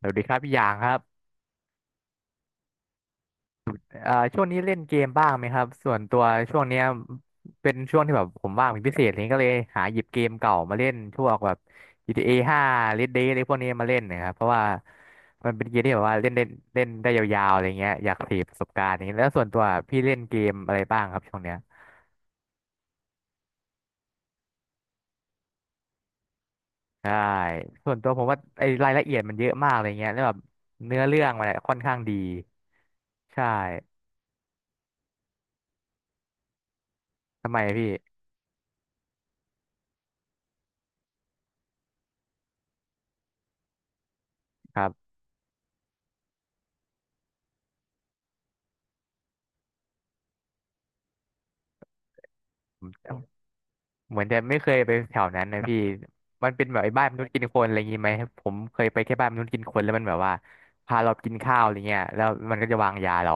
สวัสดีครับพี่หยางครับช่วงนี้เล่นเกมบ้างไหมครับส่วนตัวช่วงเนี้ยเป็นช่วงที่แบบผมว่างเป็นพิเศษอะไรเลยก็เลยหาหยิบเกมเก่ามาเล่นช่วงแบบ GTA 5 Red Dead อะไรพวกนี้มาเล่นนะครับเพราะว่ามันเป็นเกมที่แบบว่าเล่นเล่นเล่นได้ยาวๆอะไรเงี้ยอยากเสพประสบการณ์อย่างเงี้ยแล้วส่วนตัวพี่เล่นเกมอะไรบ้างครับช่วงเนี้ยใช่ส่วนตัวผมว่าไอ้รายละเอียดมันเยอะมากอะไรเงี้ยแล้วแบบเนื้อเรื่องมันอะค่อนข้างดีใช่ทำไมพี่ครับ เหมือนจะไม่เคยไปแถวนั้นนะพี่มันเป็นแบบไอ้บ้านมนุษย์กินคนอะไรอย่างงี้ไหมผมเคยไปแค่บ้านมนุษย์กินคนแล้วมันแบบว่าพาเรากินข้าวอะไรเงี้ยแล้วมันก็จะวางยาเรา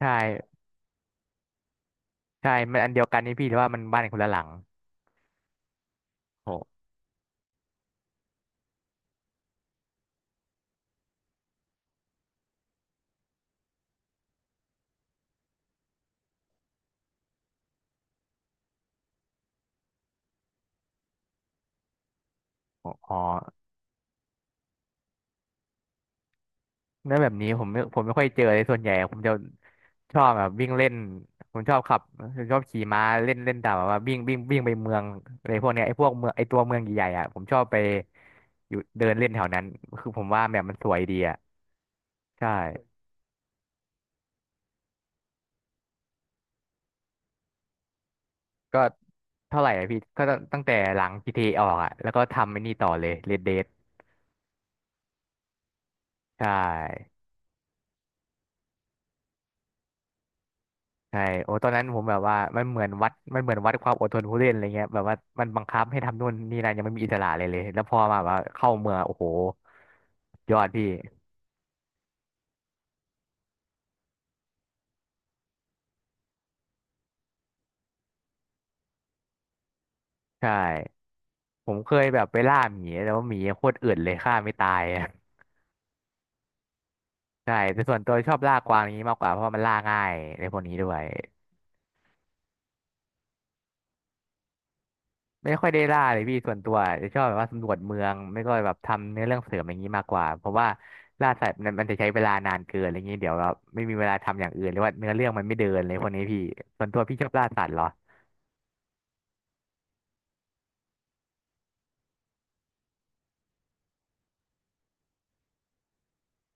ใช่ใช่มันอันเดียวกันนี่พี่แต่ว่ามันบ้านคนละหลังโอ้โหอ๋อแล้วแบบนี้ผมไม่ค่อยเจอเลยส่วนใหญ่ผมจะชอบแบบวิ่งเล่นผมชอบขับผมชอบขี่ม้าเล่นเล่นตามแบบว่าวิ่งวิ่งวิ่งไปเมืองอะไรพวกเนี้ยไอ้พวกเมืองไอ้ตัวเมืองใหญ่ๆอ่ะผมชอบไปอยู่เดินเล่นแถวนั้นคือผมว่าแบบมันสวยดีอ่ะใช่ ก็เท่าไหร่อะพี่ก็ตั้งแต่หลัง g เทเอออกอะแล้วก็ทำไอ้นี่ต่อเลย Red Dead ใช่ใช่โอ้ตอนนั้นผมแบบว่ามันเหมือนวัดความอดทนผู้เล่นอะไรเงี้ยแบบว่ามันบังคับให้ทำนู่นนี่นั่นยังไม่มีอิสระเลยเลยแล้วพอมาแบบว่าเข้าเมืองโอ้โหยอดพี่ใช่ผมเคยแบบไปล่าหมีแต่ว่าหมีโคตรอืดเลยฆ่าไม่ตายอะ ใช่แต่ส่วนตัวชอบล่ากวางนี้มากกว่าเพราะว่ามันล่าง่ายในพวกนี้ด้วย ไม่ค่อยได้ล่าเลยพี่ส่วนตัวจะชอบแบบว่าสำรวจเมืองไม่ก็แบบทำเนื้อเรื่องเสริมอย่างนี้มากกว่าเพราะว่าล่าสัตว์มันจะใช้เวลานานเกินอะไรเงี้ยเดี๋ยวแบบไม่มีเวลาทำอย่างอื่นหรือว่าเนื้อเรื่องมันไม่เดินเลยพวกนี้พี่ส่วนตัวพี่ชอบล่าสัตว์เหรอ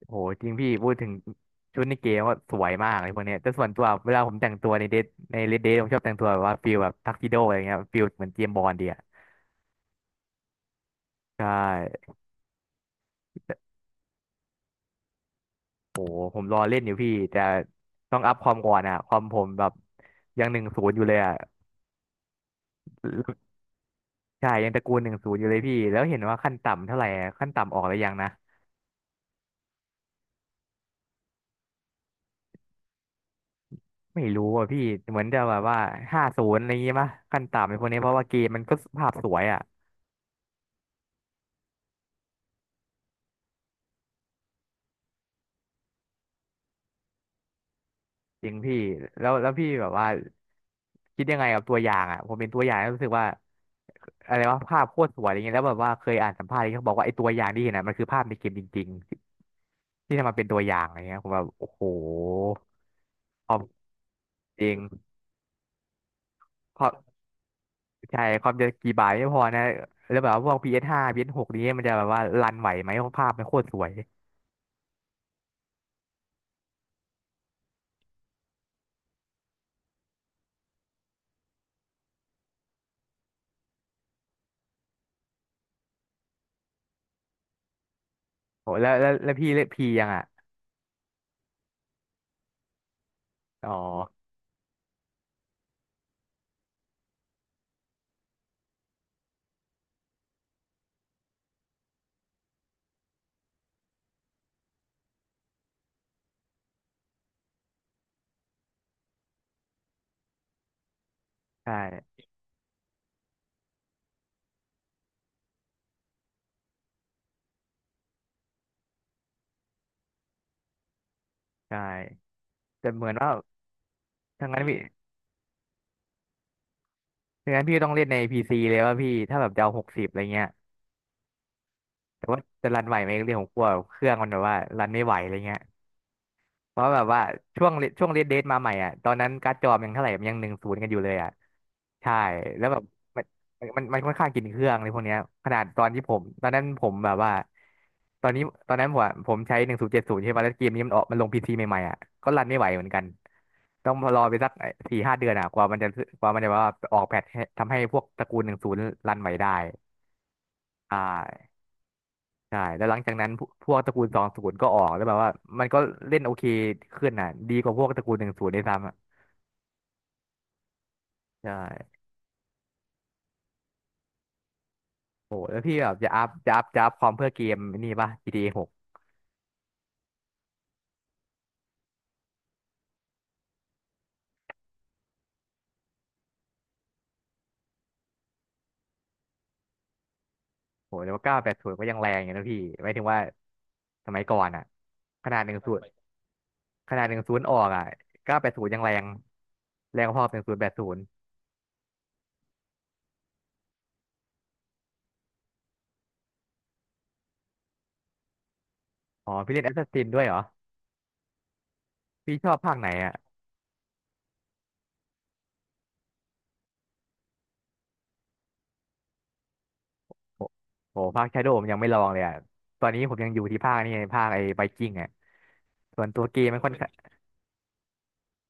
โหจริงพี่พูดถึงชุดในเกมว่าสวยมากเลยพวกเนี้ยแต่ส่วนตัวเวลาผมแต่งตัวในเลดเดทผมชอบแต่งตัวแบบว่าฟิลแบบทักซิโดอะไรเงี้ยฟิลเหมือนเจมส์บอนด์เดียใช่แต่โหผมรอเล่นอยู่พี่แต่ต้องอัพความก่อนอะความผมแบบยังหนึ่งศูนย์อยู่เลยอะ ใช่ยังตระกูลหนึ่งศูนย์อยู่เลยพี่แล้วเห็นว่าขั้นต่ำเท่าไหร่อะขั้นต่ำออกหรือยังนะไม่รู้อ่ะพี่เหมือนจะแบบว่า50อะไรอย่างงี้ป่ะขั้นต่ำในพวกนี้เพราะว่าเกมมันก็ภาพสวยอ่ะจริงพี่แล้วพี่แบบว่าคิดยังไงกับตัวอย่างอ่ะผมเป็นตัวอย่างแล้วรู้สึกว่าอะไรว่าภาพโคตรสวยอะไรเงี้ยแล้วแบบว่าเคยอ่านสัมภาษณ์ที่เขาบอกว่าไอ้ตัวอย่างที่เห็นอ่ะมันคือภาพในเกมจริงๆที่ทำมาเป็นตัวอย่างอะไรเงี้ยผมแบบโอ้โหพอจริงพอ ใช่ ความจะกี่บาทไม่พอนะ แล้วแบบว่าพวก PS5 PS6 นี้มันจะแบบว่ารันไหวไหมเพราะภาพมันโคตรสวยโอ้แล้วพี่เล่นพียังอ่ะ อ๋อ ใช่ใช่แต่เหมือนว่าทั้งนั้นพี่ทั้งนั้นพี่ต้องเล่นใน PC เลยว่าพี่ ถ้าแบบจะเอา60อะไรเงี้ย แต่ว่าจะรันไหวไหมเรื่องของกลัวเครื่องมันแบบว่ารันไม่ไหวอะไรเงี้ย เพราะแบบว่าช่วงช่วงเรดเดทมาใหม่อ่ะตอนนั้นการ์ดจอมันยังเท่าไหร่มันยังหนึ่งศูนย์กันอยู่เลยอ่ะใช่แล้วแบบมันค่อนข้างกินเครื่องในพวกเนี้ยขนาดตอนนั้นผมแบบว่าตอนนี้ตอนนั้นผมอะผมใช้1070ใช่ป่ะแล้วเกมนี้มันออกมันลงพีซีใหม่ๆอ่ะก็รันไม่ไหวเหมือนกันต้องรอไปสัก4-5 เดือนอ่ะกว่ามันจะว่าออกแพทช์ให้ทำให้พวกตระกูลหนึ่งศูนย์รันไหวได้อ่า ใช่แล้วหลังจากนั้นพวกตระกูลสองศูนย์ก็ออกแล้วแบบว่ามันก็เล่นโอเคขึ้นน่ะดีกว่าพวกตระกูลหนึ่งศูนย์ด้วยซ้ำอ่ะใช่โหแล้วพี่แบบจะอัพความเพื่อเกมนี่ป่ะ GTA หกโหแล้วเก้าแปดศูนย์ก็ยังแรงอยู่นะพี่หมายถึงว่าสมัยก่อนอ่ะขนาดหนึ่งศูนย์ขนาดหนึ่งศูนย์ออกอ่ะเก้าแปดศูนย์ยังแรงแรงพอหนึ่งศูนย์แปดศูนย์อ๋อพี่เล่นแอสซัสซินด้วยเหรอพี่ชอบภาคไหนอ่ะ โอ้โหภาคชาโดผมยังไม่ลองเลยอ่ะ ตอนนี้ผมยังอยู่ที่ภาคนี่ไงภาคไอ้ไวกิ้งอ่ะส่วนตัวเกมโมันค่อนข้าง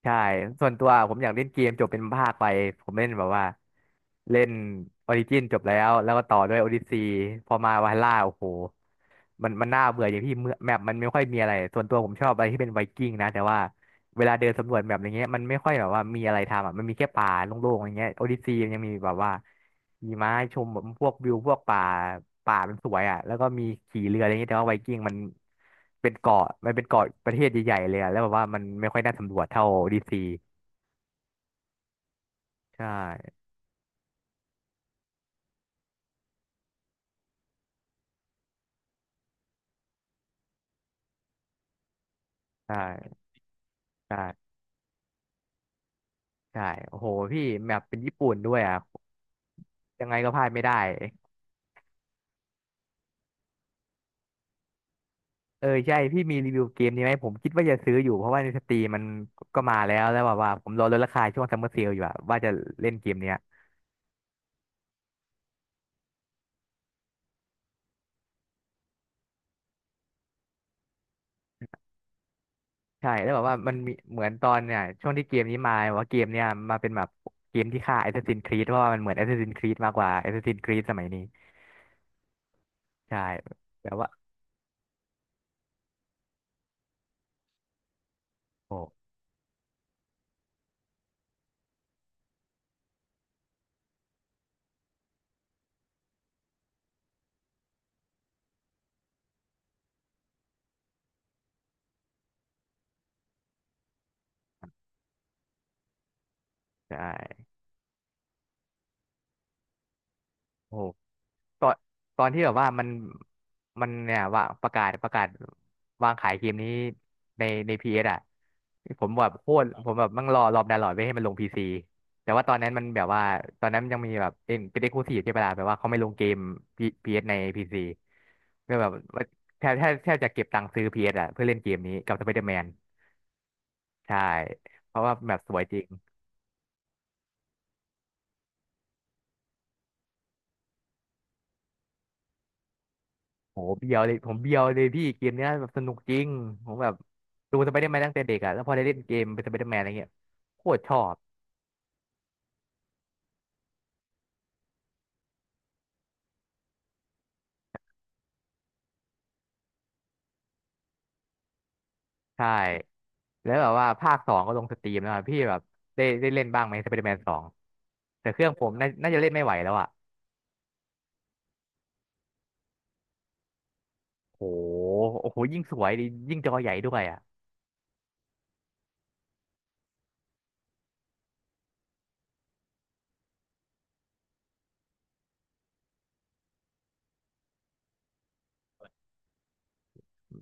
ใช่ ส่วนตัวผมอยากเล่นเกมจบเป็นภาคไปผมเล่นแบบว่าเล่นออริจินจบแล้วแล้วก็ต่อด้วยโอดิซีพอมาวาล่าโอ้โหมันน่าเบื่ออย่างที่เมื่อแมปมันไม่ค่อยมีอะไรส่วนตัวผมชอบอะไรที่เป็นไวกิ้งนะแต่ว่า เวลาเดินสำรวจแบบอย่างเงี้ยมันไม่ค่อยแบบว่ามีอะไรทำอ่ะมันมีแค่ป่าโล่งๆอย่างเงี้ยโอดิซีมันยังมีแบบว่ามีไม้ชมแบบพวกวิวพวกป่าป่ามันสวยอ่ะแล้วก็มีขี่เรืออะไรเงี้ยแต่ว่าไวกิ้งมันเป็นเกาะมันเป็นเกาะประเทศใหญ่ๆเลยอ่ะแล้วแบบว่ามันไม่ค่อยน่าสำรวจเท่าโอดิซีใช่ใช่ใช่ใช่โอ้โหพี่แบบเป็นญี่ปุ่นด้วยอ่ะยังไงก็พลาดไม่ได้ เออใช่พี่มีรีวิวเกมนี้ไหมผมคิดว่าจะซื้ออยู่เพราะว่าในสตรีมมันก็มาแล้วแล้วแบบว่าผมรอลดราคาช่วงซัมเมอร์เซลอยู่อะว่าจะเล่นเกมเนี้ยใช่แล้วแบบว่ามันมีเหมือนตอนเนี่ยช่วงที่เกมนี้มาว่าเกมเนี่ยมาเป็นแบบเกมที่ฆ่า Assassin's Creed เพราะว่ามันเหมือน Assassin's Creed มากกว่า Assassin's Creed สมัยนี้ใช่แบบว่าโอ้ใช่โอ้ ตอนตอนที่แบบว่ามันเนี่ยว่าประกาศวางขายเกมนี้ในพีเอสอ่ะผมแบบโคตรผมแบบมั่งรอดาวน์โหลดไว้ให้มันลงพีซีแต่ว่าตอนนั้นมันแบบว่าตอนนั้นมันยังมีแบบเป็นเอ็กซ์คลูซีฟใช่ปะล่ะแบบว่าเขาไม่ลงเกมพีเอสในพีซีก็แบบว่าแทบจะเก็บตังค์ซื้อพีเอสอ่ะเพื่อเล่นเกมนี้กับสไปเดอร์แมนใช่เพราะว่าแบบสวยจริง โหเบียวเลยผมเบียวเลยพี่เกมเนี้ยแบบสนุกจริงผมแบบดูสไปเดอร์แมนตั้งแต่เด็กอะแล้วพอได้เล่นเกมเป็นสไปเดอร์แมนอะไรเงี้ยโคตรชอบใช่แล้วแบบว่าภาคสองก็ลงสตรีมแล้วอะพี่แบบได้เล่นบ้างไหมสไปเดอร์แมนสองแต่เครื่องผมน่าจะเล่นไม่ไหวแล้วอะโหโอ้โหยิ่งสวยดิยิ่งจอใหญ่ด้วยอะ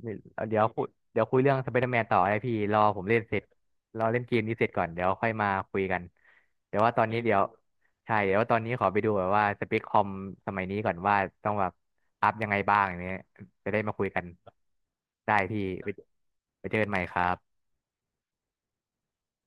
ไม่เดี๋ยวคุยเดี๋ยวคุยเรื่องสไปเดอร์แมนต่อนะพี่รอผมเล่นเสร็จรอเล่นเกมนี้เสร็จก่อนเดี๋ยวค่อยมาคุยกันเดี๋ยวว่าตอนนี้เดี๋ยวใช่เดี๋ยวว่าตอนนี้ขอไปดูแบบว่าสเปคคอมสมัยนี้ก่อนว่าต้องแบบอัพยังไงบ้างอย่างเงี้ยจะได้มาคุยกันได้พี่ไปไปเจอกันใหม่ครับ